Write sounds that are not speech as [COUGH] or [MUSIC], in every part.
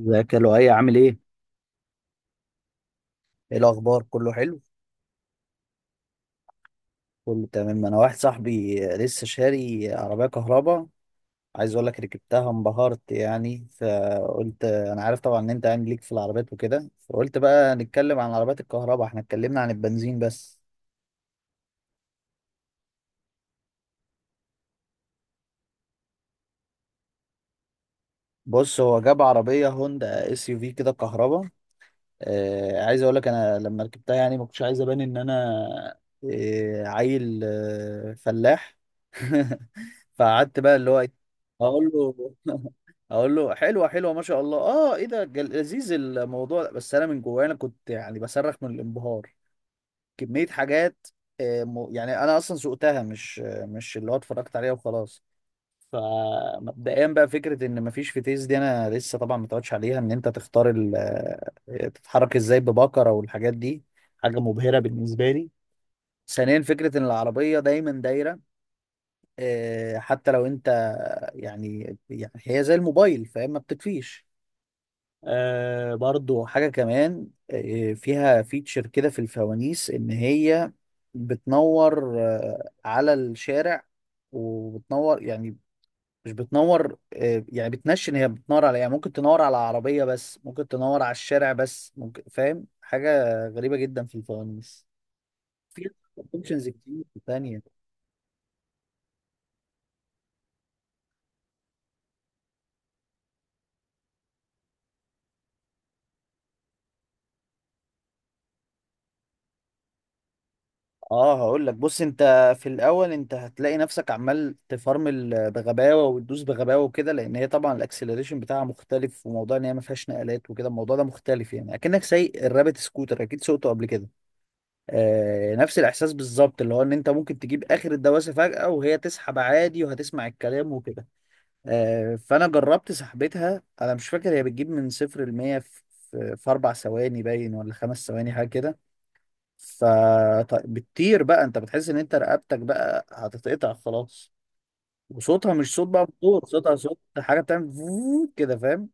ازيك يا لؤي، عامل ايه؟ ايه الاخبار، كله حلو؟ كله تمام. انا واحد صاحبي لسه شاري عربية كهرباء، عايز اقول لك ركبتها، انبهرت. يعني فقلت انا عارف طبعا ان انت يعني ليك في العربيات وكده، فقلت بقى نتكلم عن عربيات الكهرباء. احنا اتكلمنا عن البنزين بس. بص، هو جاب عربية هوندا SUV كده كهرباء. عايز اقول لك، انا لما ركبتها يعني ما كنتش عايز ابان ان انا عيل، فلاح. [LAUGHS] فقعدت بقى اللي هو إيه، اقول له [LAUGHS] اقول له حلوه حلوه ما شاء الله، اه، ايه ده، لذيذ الموضوع ده. بس انا من جوايا انا كنت يعني بصرخ من الانبهار، كميه حاجات. يعني انا اصلا سوقتها، مش مش اللي هو اتفرجت عليها وخلاص. فمبدئيا بقى، فكره ان مفيش فيتيز دي انا لسه طبعا ما اتعودش عليها. ان انت تختار تتحرك ازاي ببكره والحاجات دي، حاجه مبهره بالنسبه لي. ثانيا، فكره ان العربيه دايما دايره، حتى لو انت، يعني هي زي الموبايل فاهم، ما بتطفيش. آه، برضو حاجه كمان، فيها فيتشر كده في الفوانيس، ان هي بتنور على الشارع، وبتنور يعني مش بتنور، يعني بتنشن، هي بتنور على، يعني ممكن تنور على عربية بس، ممكن تنور على الشارع بس، ممكن فاهم، حاجة غريبة جدا في الفوانيس. في اوبشنز كتير تانية. اه، هقول لك. بص انت في الاول انت هتلاقي نفسك عمال تفرمل بغباوة وتدوس بغباوة وكده، لان هي طبعا الاكسلريشن بتاعها مختلف، وموضوع ان هي ما فيهاش نقلات وكده الموضوع ده مختلف، يعني اكنك سايق الرابت سكوتر، اكيد سوقته قبل كده. نفس الاحساس بالظبط. اللي هو ان انت ممكن تجيب اخر الدواسه فجاه وهي تسحب عادي وهتسمع الكلام وكده. فانا جربت سحبتها، انا مش فاكر هي بتجيب من 0 لمية في 4 ثواني باين، ولا 5 ثواني، حاجه كده. فبتطير بقى، انت بتحس ان انت رقبتك بقى هتتقطع خلاص. وصوتها مش صوت بقى موتور، صوتها صوت حاجه بتعمل فووو كده، فاهم.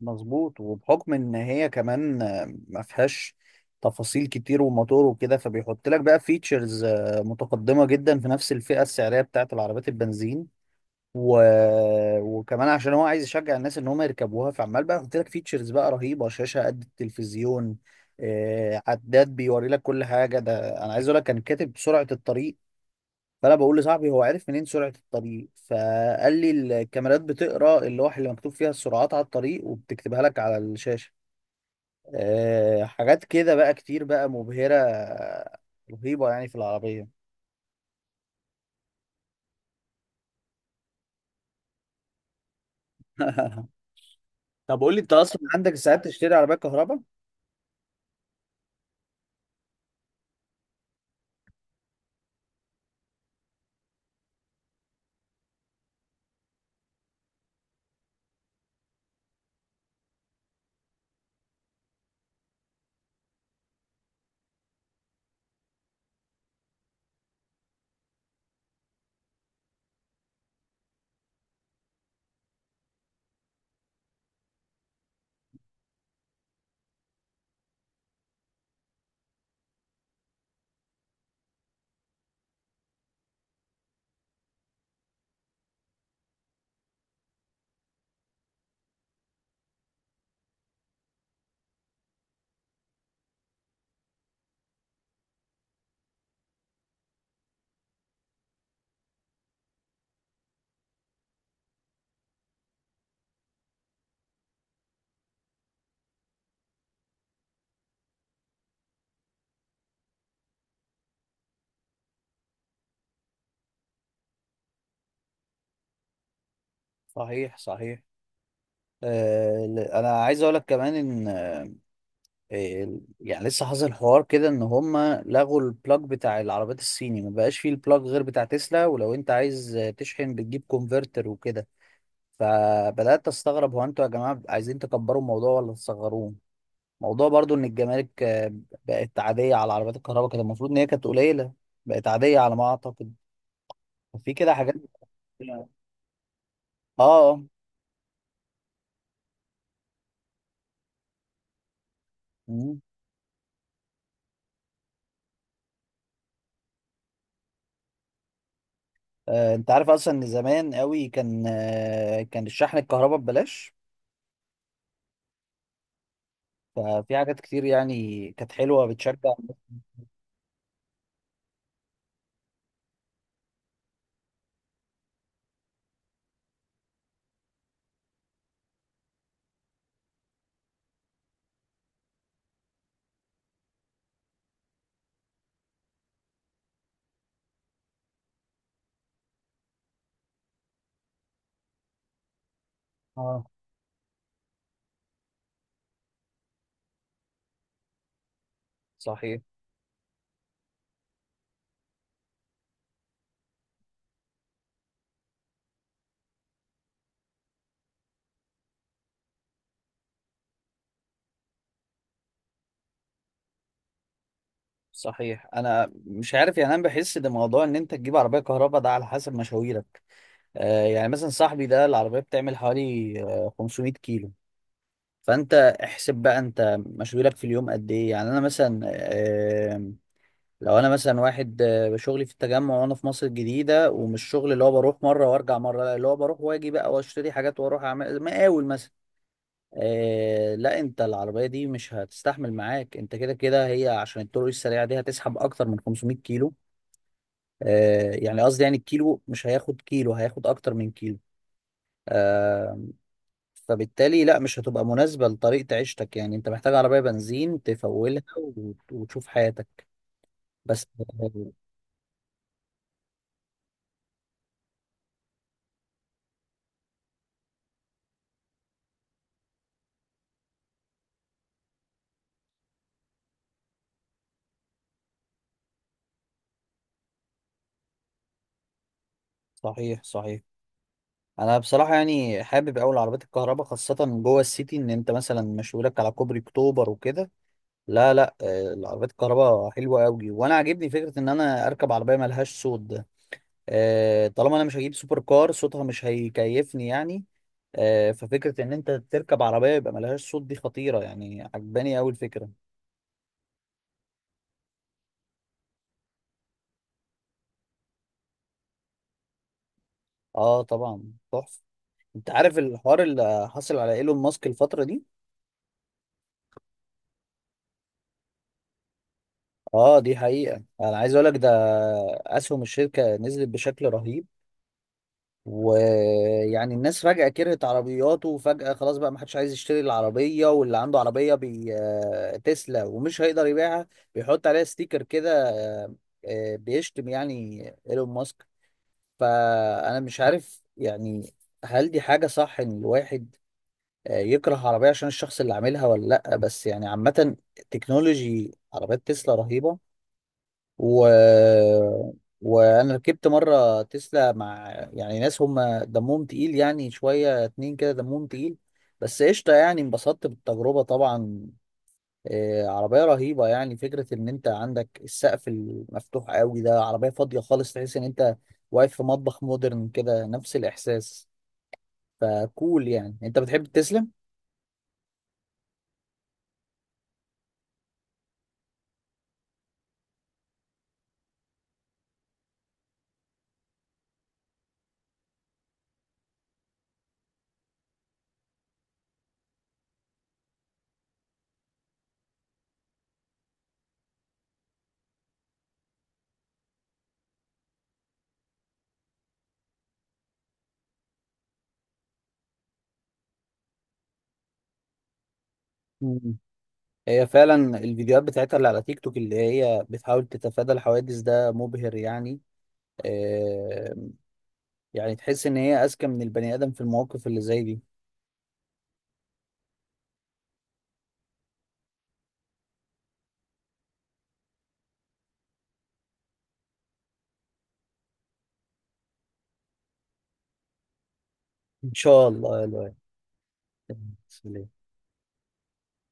مظبوط، وبحكم ان هي كمان ما فيهاش تفاصيل كتير وموتور وكده، فبيحط لك بقى فيتشرز متقدمة جدا في نفس الفئة السعرية بتاعت العربيات البنزين. و... وكمان عشان هو عايز يشجع الناس ان هم يركبوها، فعمال بقى يحط لك فيتشرز بقى رهيبة، شاشة قد التلفزيون، عداد بيوري لك كل حاجة. ده انا عايز اقول لك كان كاتب سرعة الطريق. فانا بقول لصاحبي هو عرف منين سرعه الطريق، فقال لي الكاميرات بتقرا اللوحه اللي مكتوب فيها السرعات على الطريق وبتكتبها لك على الشاشه. أه، حاجات كده بقى كتير بقى مبهره، رهيبه يعني في العربيه. [LAUGHS] طب قول لي، انت اصلا عندك ساعات تشتري عربيه كهرباء؟ صحيح صحيح. انا عايز اقول لك كمان ان يعني لسه حاصل حوار كده، ان هم لغوا البلاج بتاع العربيات الصيني، ما بقاش فيه البلاج غير بتاع تسلا. ولو انت عايز تشحن بتجيب كونفرتر وكده. فبدات استغرب، هو انتوا يا جماعه عايزين تكبروا الموضوع ولا تصغروه؟ موضوع برضو ان الجمارك بقت عاديه على عربيات الكهرباء، كانت المفروض ان هي كانت قليله، بقت عاديه على ما اعتقد. ففي كده حاجات. اه. آه. مم. انت عارف اصلا ان زمان قوي كان، كان الشحن الكهرباء ببلاش. ففي حاجات كتير يعني كانت حلوه بتشجع. اه، صحيح صحيح. انا مش عارف، يعني انا بحس ان موضوع ان انت تجيب عربيه كهرباء ده على حسب مشاويرك. يعني مثلا صاحبي ده العربية بتعمل حوالي 500 كيلو. فانت احسب بقى انت مشغولك في اليوم قد ايه. يعني انا مثلا لو انا مثلا واحد شغلي في التجمع وانا في مصر الجديدة، ومش شغل اللي هو بروح مرة وارجع مرة، لا اللي هو بروح واجي بقى واشتري حاجات واروح اعمل مقاول مثلا، لا، انت العربية دي مش هتستحمل معاك. انت كده كده هي عشان الطرق السريعة دي هتسحب اكتر من 500 كيلو. يعني قصدي يعني الكيلو مش هياخد كيلو، هياخد اكتر من كيلو. آه، فبالتالي لا، مش هتبقى مناسبة لطريقة عيشتك. يعني انت محتاج عربية بنزين تفولها وتشوف حياتك بس. [LAUGHS] صحيح صحيح. انا بصراحة يعني حابب اوي العربيات الكهرباء، خاصة جوه السيتي، ان انت مثلا مشوارك على كوبري اكتوبر وكده. لا لا، العربيات الكهرباء حلوة اوي. وانا عاجبني فكرة ان انا اركب عربية ملهاش صوت ده. طالما انا مش هجيب سوبر كار، صوتها مش هيكيفني يعني. ففكرة ان انت تركب عربية يبقى ملهاش صوت دي خطيرة، يعني عجباني اوي الفكرة. اه طبعا، تحفه. انت عارف الحوار اللي حصل على ايلون ماسك الفتره دي؟ اه، دي حقيقه. انا عايز اقول لك، ده اسهم الشركه نزلت بشكل رهيب. ويعني الناس فجاه كرهت عربياته، وفجاه خلاص بقى ما حدش عايز يشتري العربيه. واللي عنده عربيه بي... آه، تسلا ومش هيقدر يبيعها، بيحط عليها ستيكر كده، آه، بيشتم يعني ايلون ماسك. فانا مش عارف يعني، هل دي حاجه صح ان الواحد يكره عربية عشان الشخص اللي عاملها ولا لأ؟ بس يعني عامة، تكنولوجي عربيات تسلا رهيبة. و... وأنا ركبت مرة تسلا مع يعني ناس هم دمهم تقيل، يعني شوية، اتنين كده دمهم تقيل، بس قشطة. يعني انبسطت بالتجربة طبعا. عربية رهيبة. يعني فكرة إن أنت عندك السقف المفتوح قوي ده، عربية فاضية خالص، تحس إن أنت واقف في مطبخ مودرن كده، نفس الإحساس. فكول، يعني أنت بتحب تسلا؟ هي فعلا الفيديوهات بتاعتها اللي على تيك توك، اللي هي بتحاول تتفادى الحوادث، ده مبهر يعني. آه، يعني تحس ان هي اذكى من البني ادم في المواقف اللي زي دي. ان شاء الله يا لؤي.